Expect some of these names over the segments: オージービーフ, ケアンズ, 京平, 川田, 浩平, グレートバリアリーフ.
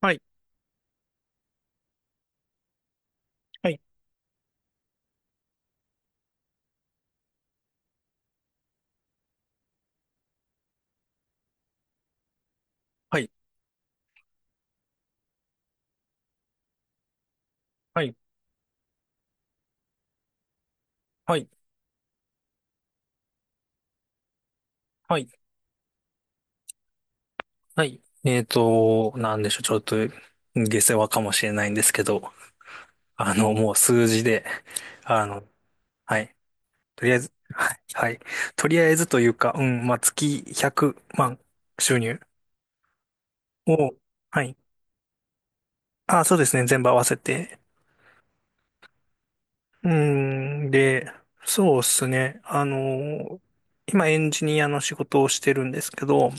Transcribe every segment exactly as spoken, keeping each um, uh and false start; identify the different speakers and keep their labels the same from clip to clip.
Speaker 1: はい、はい、はい、はい、はい、はい。はい。えーと、なんでしょう、ちょっと下世話かもしれないんですけど、あの、もう数字で、あの、はい、とりあえず、はい、はい、とりあえずというか、うん、まあ、月ひゃくまん収入を、はい、あ、そうですね、全部合わせて。うん、で、そうですね、あの、今エンジニアの仕事をしてるんですけど、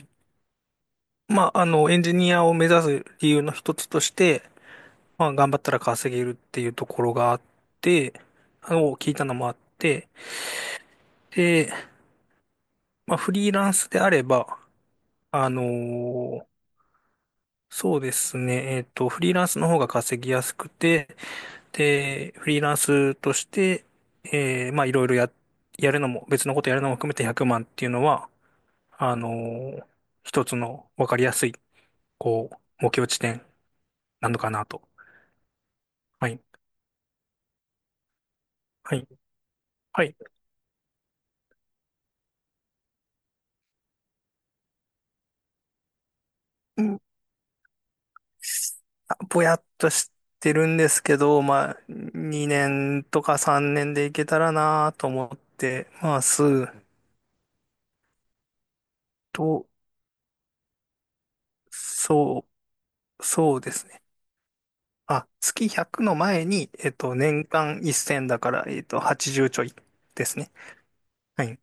Speaker 1: まあ、あの、エンジニアを目指す理由の一つとして、まあ、頑張ったら稼げるっていうところがあって、あの、聞いたのもあって、で、まあ、フリーランスであれば、あのーそうですね、えっと、フリーランスの方が稼ぎやすくて、で、フリーランスとして、えーまあ、いろいろや、やるのも、別のことやるのも含めてひゃくまんっていうのは、あのー一つの分かりやすい、こう、目標地点なのかなと。はい。はい。はい。ぼやっとしてるんですけど、まあ、にねんとかさんねんでいけたらなと思ってます。と、そう、そうですね。あ、月ひゃくの前に、えっと、年間せんだから、えっと、はちじゅうちじゅうちょいですね。はい。い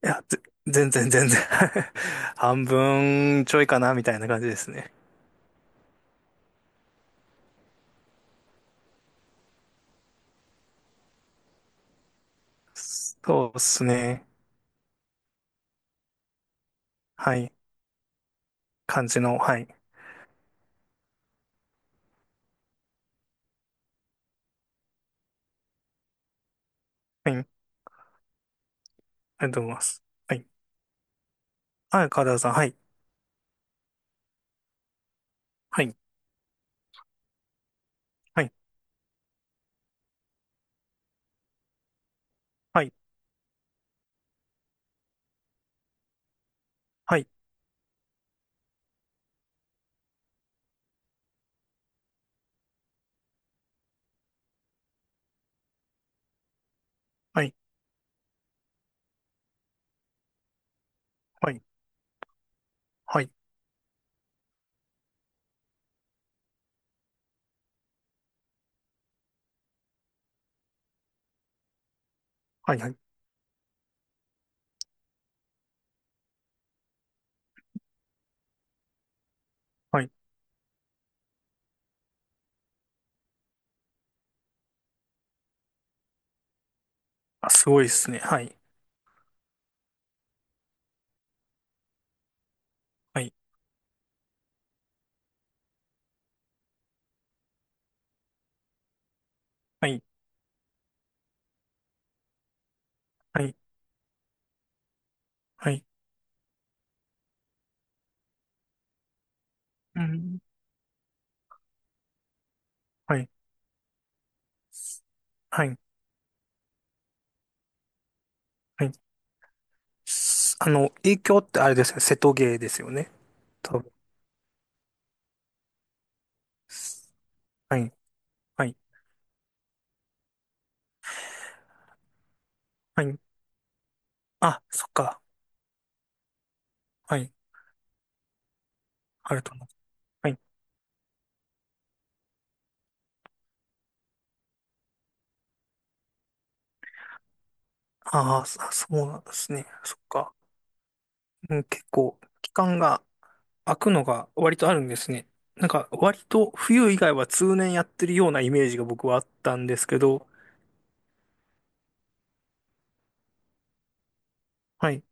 Speaker 1: や、ぜ全然全然。 半分ちょいかな、みたいな感じですね。そうですね。はい。感じの、はい。はい。ありがとうございます。はい。はい、川田さん、はい。はい。はいはい、はい、はい、はい、はい、はい、はい、はい。あ、すごいですね。はい、はい、はい、はい、はい、うん、はい、はい、はい。すあの、影響ってあれですね。瀬戸芸ですよね。多分。はい、はい、はい。あ、そっか。はい、あると思う。はい。ああ、そそうなんですね。そっか。うん、結構、期間が空くのが割とあるんですね。なんか、割と冬以外は通年やってるようなイメージが僕はあったんですけど、はい。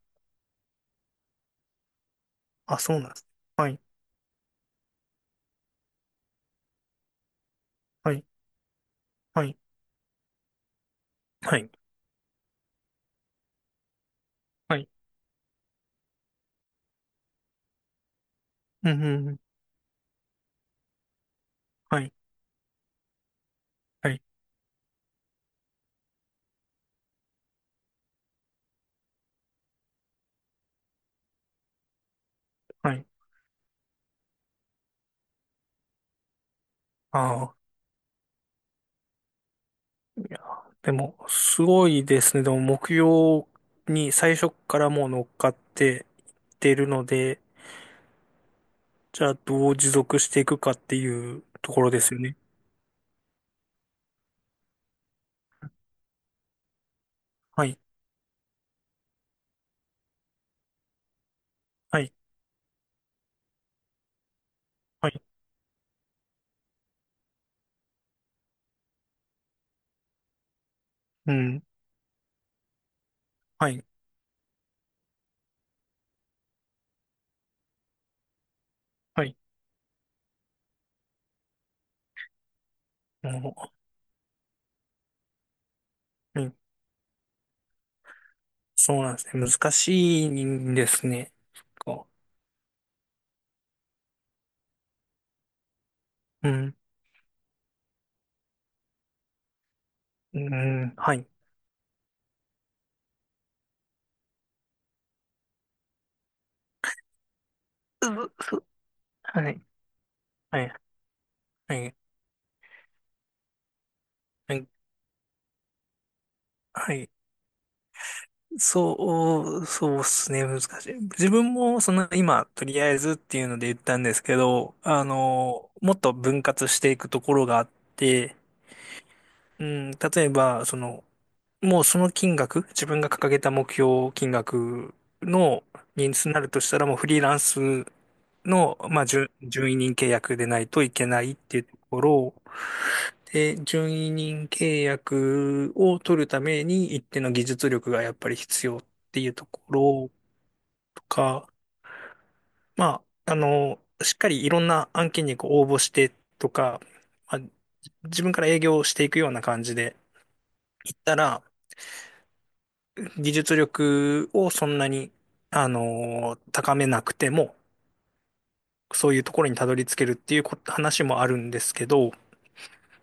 Speaker 1: あ、そうなんです。はい、はい、はい、はい、はい、うん、うん、うんはい、はい、はい。ああ、いや、でも、すごいですね。でも、目標に最初からもう乗っかっていってるので、じゃあ、どう持続していくかっていうところですよね。はい、はい、はい、うん、はい、はい、もう、うん、そうなんですね。難しいんですね。そっか。うん、うん、はい。うううはい、はい、はい、はい。はい。そう、そうっすね、難しい。自分も、その、今、とりあえずっていうので言ったんですけど、あの、もっと分割していくところがあって、うん、例えば、その、もうその金額、自分が掲げた目標金額の人数になるとしたら、もうフリーランスの、まあ、準、準委任契約でないといけないっていうところで、準委任契約を取るために一定の技術力がやっぱり必要っていうところか、まあ、あの、しっかりいろんな案件にこう応募してとか、まあ、自分から営業をしていくような感じでいったら、技術力をそんなに、あの、高めなくても、そういうところにたどり着けるっていうこ話もあるんですけど、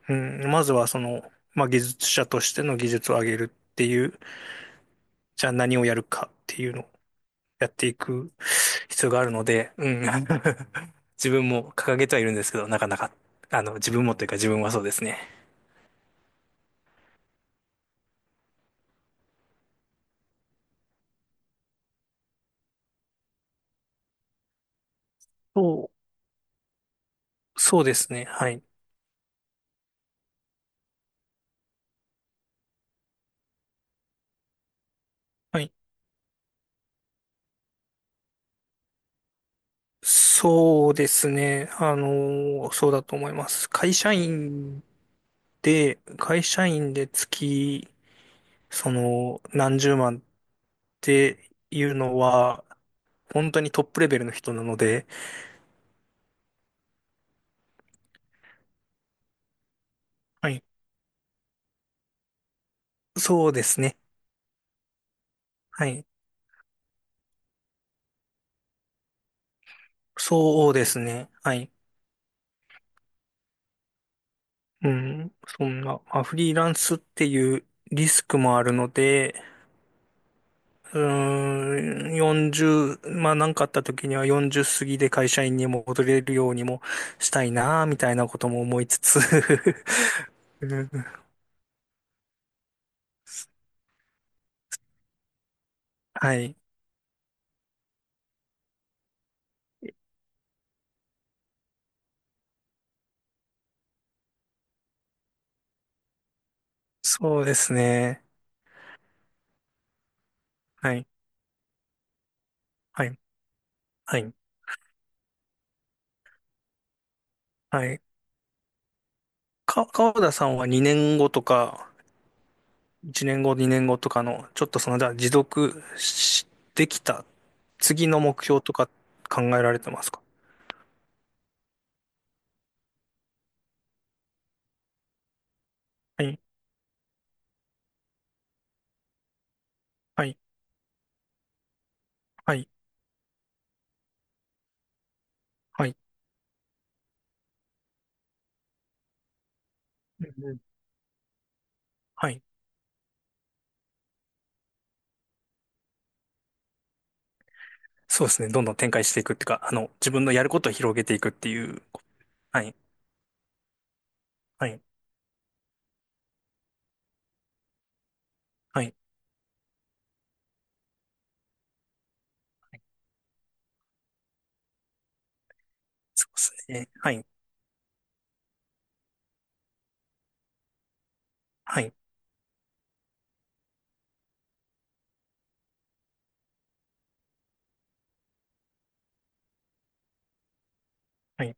Speaker 1: うん、まずはその、まあ、技術者としての技術を上げるっていう、じゃあ何をやるかっていうのやっていく必要があるので、うん。自分も掲げてはいるんですけど、なかなか、あの、自分もというか自分はそうですね。そう、そうですね。はい。はい。そうですね。あの、そうだと思います。会社員で、会社員で月、その、何十万っていうのは、本当にトップレベルの人なので、はい。そうですね。はい。そうですね。はい。うん、そんな、まあ、フリーランスっていうリスクもあるので、うーん、よんじゅう、まあ何かあった時にはよんじゅう過ぎで会社員にも戻れるようにもしたいな、みたいなことも思いつつ。 うん。はい。そうですね。はい。はい。はい。はい。か、川田さんはにねんごとか、いちねんご、にねんごとかの、ちょっとその、じゃあ持続し、できた次の目標とか考えられてますか？はい、はい、はい、はい。うんうんはい。そうですね。どんどん展開していくっていうか、あの、自分のやることを広げていくっていう。はい、はい、はい。そうですね。はい、はい、はい。